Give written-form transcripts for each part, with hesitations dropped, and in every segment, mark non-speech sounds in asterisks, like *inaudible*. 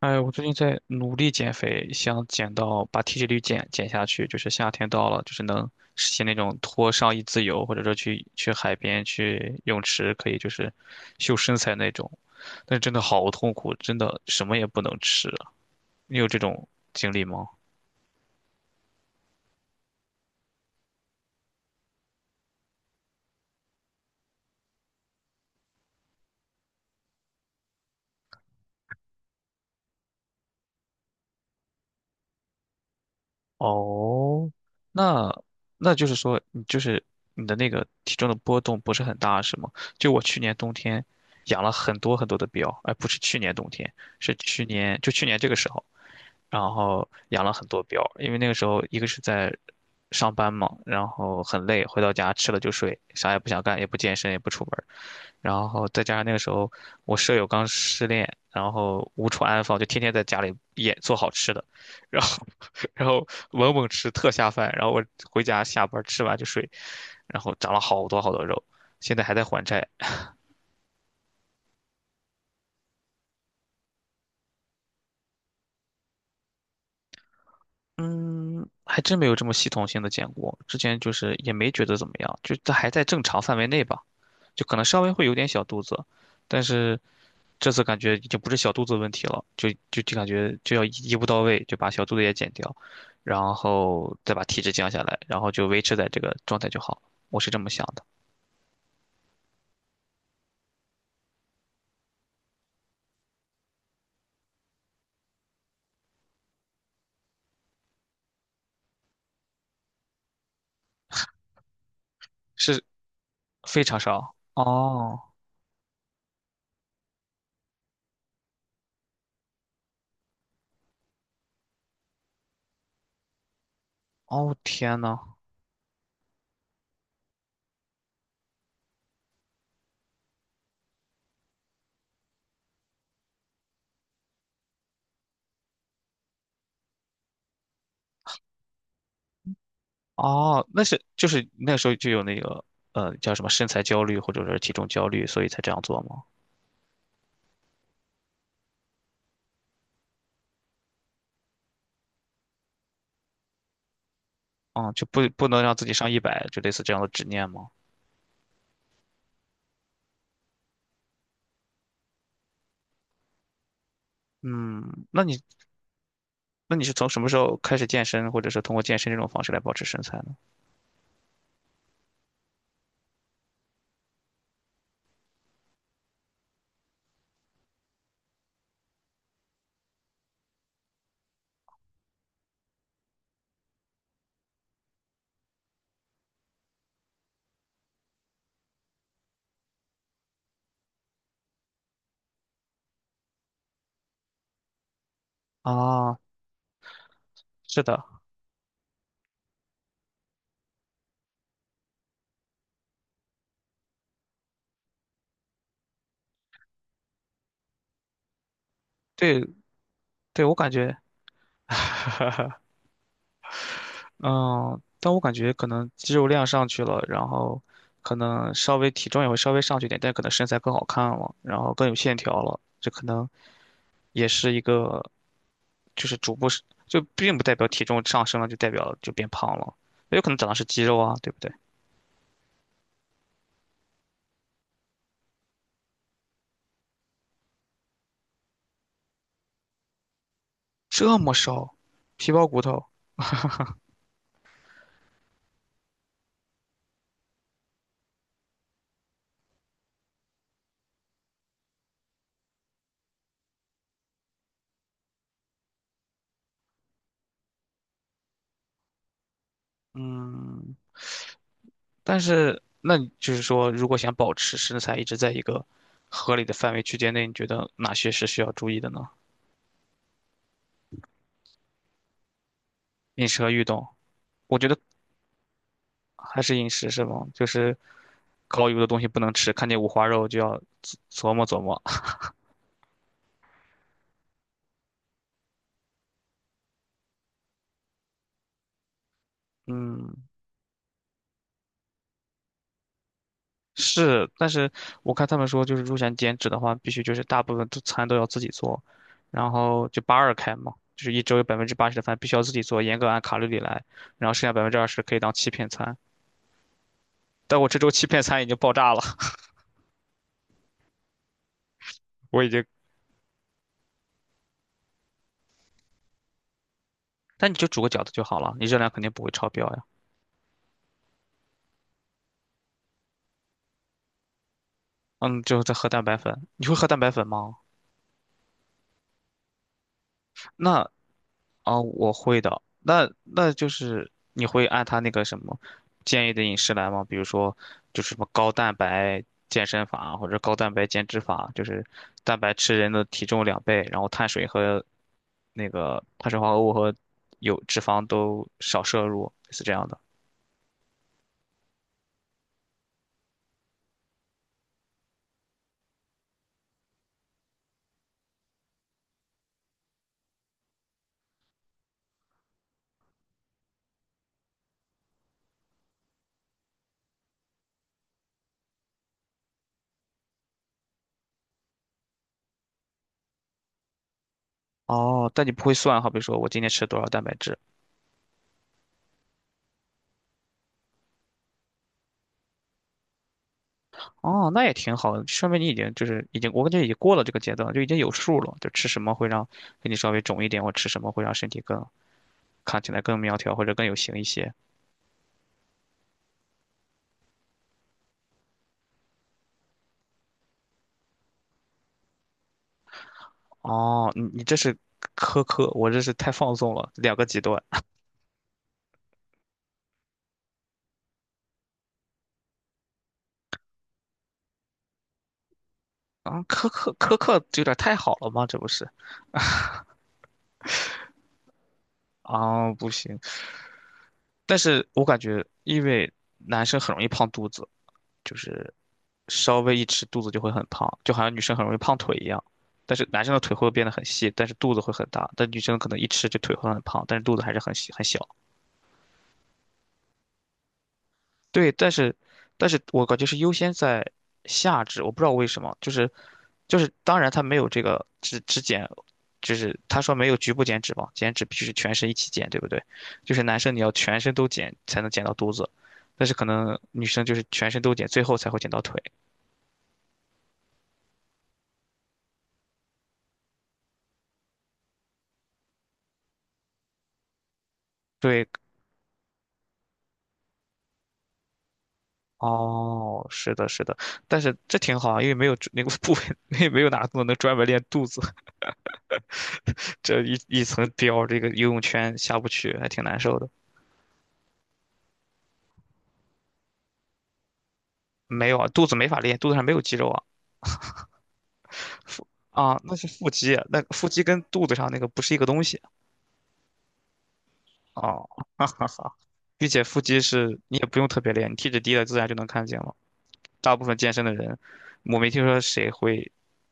哎，我最近在努力减肥，想减到把体脂率减下去，就是夏天到了，就是能实现那种脱上衣自由，或者说去海边、去泳池，可以就是秀身材那种。但是真的好痛苦，真的什么也不能吃啊。你有这种经历吗？哦，那那就是说，你就是你的那个体重的波动不是很大，是吗？就我去年冬天养了很多很多的膘，哎，不是去年冬天，是去年这个时候。然后养了很多膘，因为那个时候一个是在上班嘛，然后很累，回到家吃了就睡，啥也不想干，也不健身，也不出门儿。然后再加上那个时候我舍友刚失恋，然后无处安放，就天天在家里也做好吃的，然后 *laughs* 然后猛猛吃特下饭，然后我回家下班吃完就睡，然后长了好多好多肉，现在还在还债。嗯，还真没有这么系统性的减过，之前就是也没觉得怎么样，就这还在正常范围内吧。就可能稍微会有点小肚子，但是这次感觉已经不是小肚子问题了，就感觉就要一步到位，就把小肚子也减掉，然后再把体脂降下来，然后就维持在这个状态就好了。我是这么想的。是，非常少。哦哦，天呐。哦，那是就是那时候就有那个叫什么身材焦虑或者是体重焦虑，所以才这样做吗？嗯，就不能让自己上一百，就类似这样的执念吗？嗯，那你是从什么时候开始健身，或者是通过健身这种方式来保持身材呢？啊，是的。对，对，我感觉，嗯，但我感觉可能肌肉量上去了，然后可能稍微体重也会稍微上去一点，但可能身材更好看了，然后更有线条了，这可能也是一个，就是逐步是，就并不代表体重上升了就代表就变胖了，也有可能长的是肌肉啊，对不对？这么瘦，皮包骨头。嗯。但是那你就是说，如果想保持身材一直在一个合理的范围区间内，你觉得哪些是需要注意的呢？饮食和运动，我觉得还是饮食是吗？就是高油的东西不能吃，看见五花肉就要琢磨琢磨。嗯，是，但是我看他们说，就是如果想减脂的话，必须就是大部分都餐都要自己做，然后就八二开嘛，就是一周有80%的饭必须要自己做，严格按卡路里来，然后剩下百分之二十可以当欺骗餐。但我这周欺骗餐已经爆炸了。我已经，那你就煮个饺子就好了，你热量肯定不会超标呀。嗯，就后再喝蛋白粉，你会喝蛋白粉吗？那啊、我会的。那就是你会按他那个什么建议的饮食来吗？比如说，就是什么高蛋白健身法或者高蛋白减脂法，就是蛋白吃人的体重两倍，然后碳水和那个碳水化合物和有脂肪都少摄入，是这样的。哦，但你不会算，好比说我今天吃多少蛋白质，哦，那也挺好的，说明你已经就是已经，我感觉已经过了这个阶段，就已经有数了，就吃什么会让给你稍微肿一点，或吃什么会让身体更看起来更苗条或者更有型一些。哦，你这是苛刻，我这是太放纵了，两个极端啊，苛刻苛刻这有点太好了吗？这不是啊，不行，但是我感觉因为男生很容易胖肚子。就是稍微一吃肚子就会很胖，就好像女生很容易胖腿一样。但是男生的腿会变得很细，但是肚子会很大。但女生可能一吃就腿会很胖，但是肚子还是很细很小。对，但是我感觉是优先在下肢，我不知道为什么，就是，当然他没有这个只减，就是他说没有局部减脂嘛，减脂必须是全身一起减，对不对？就是男生你要全身都减才能减到肚子，但是可能女生就是全身都减，最后才会减到腿。对，哦，是的，是的，但是这挺好啊，因为没有那个部位，没有哪个动作能专门练肚子，*laughs* 这一层膘，这个游泳圈下不去，还挺难受的。没有啊，肚子没法练，肚子上没有肌肉啊。腹啊，那是腹肌，那腹肌跟肚子上那个不是一个东西哦，*laughs* 哈哈哈。并且腹肌是你也不用特别练，你体脂低了自然就能看见了。大部分健身的人，我没听说谁会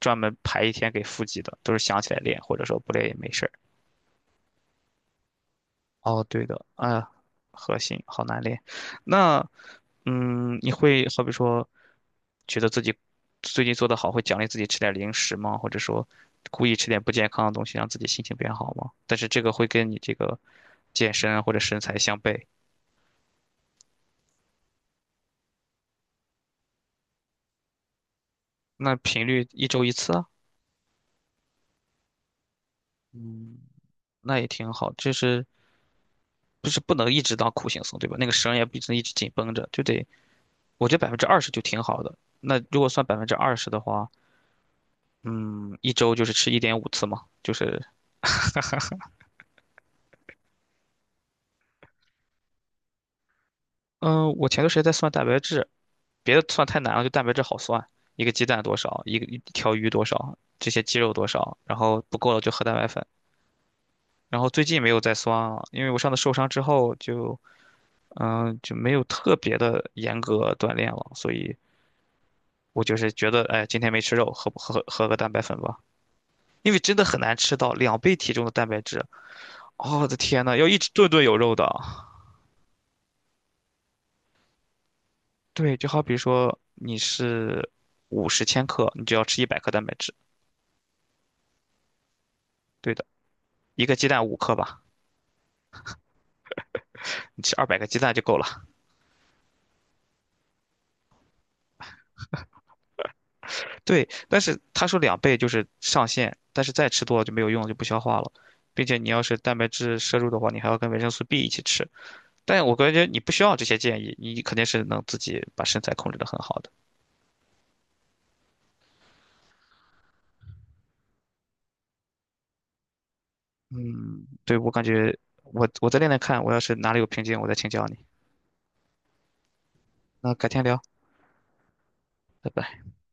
专门排一天给腹肌的，都是想起来练，或者说不练也没事儿。哦，对的，啊，核心好难练。那，嗯，你会好比说，觉得自己最近做得好，会奖励自己吃点零食吗？或者说，故意吃点不健康的东西，让自己心情变好吗？但是这个会跟你这个健身啊或者身材相悖。那频率一周一次啊，嗯，那也挺好。就是不是不能一直当苦行僧，对吧？那个绳也不能一直紧绷着，就得，我觉得百分之二十就挺好的。那如果算百分之二十的话。嗯，一周就是吃1.5次嘛，就是，嗯，我前段时间在算蛋白质，别的算太难了，就蛋白质好算，一个鸡蛋多少，一条鱼多少，这些鸡肉多少，然后不够了就喝蛋白粉。然后最近没有再算了，因为我上次受伤之后就，嗯，就没有特别的严格锻炼了，所以我就是觉得，哎，今天没吃肉，喝个蛋白粉吧，因为真的很难吃到两倍体重的蛋白质。哦，我的天呐，要一直顿顿有肉的。对，就好比说你是50千克，你就要吃100克蛋白质。对的，一个鸡蛋5克吧，你吃200个鸡蛋就够了。*laughs* 对，但是他说两倍就是上限，但是再吃多了就没有用了，就不消化了。并且你要是蛋白质摄入的话，你还要跟维生素 B 一起吃。但我感觉你不需要这些建议，你肯定是能自己把身材控制的很好的。嗯，对，我感觉我再练练看，我要是哪里有瓶颈，我再请教你。那改天聊，拜拜。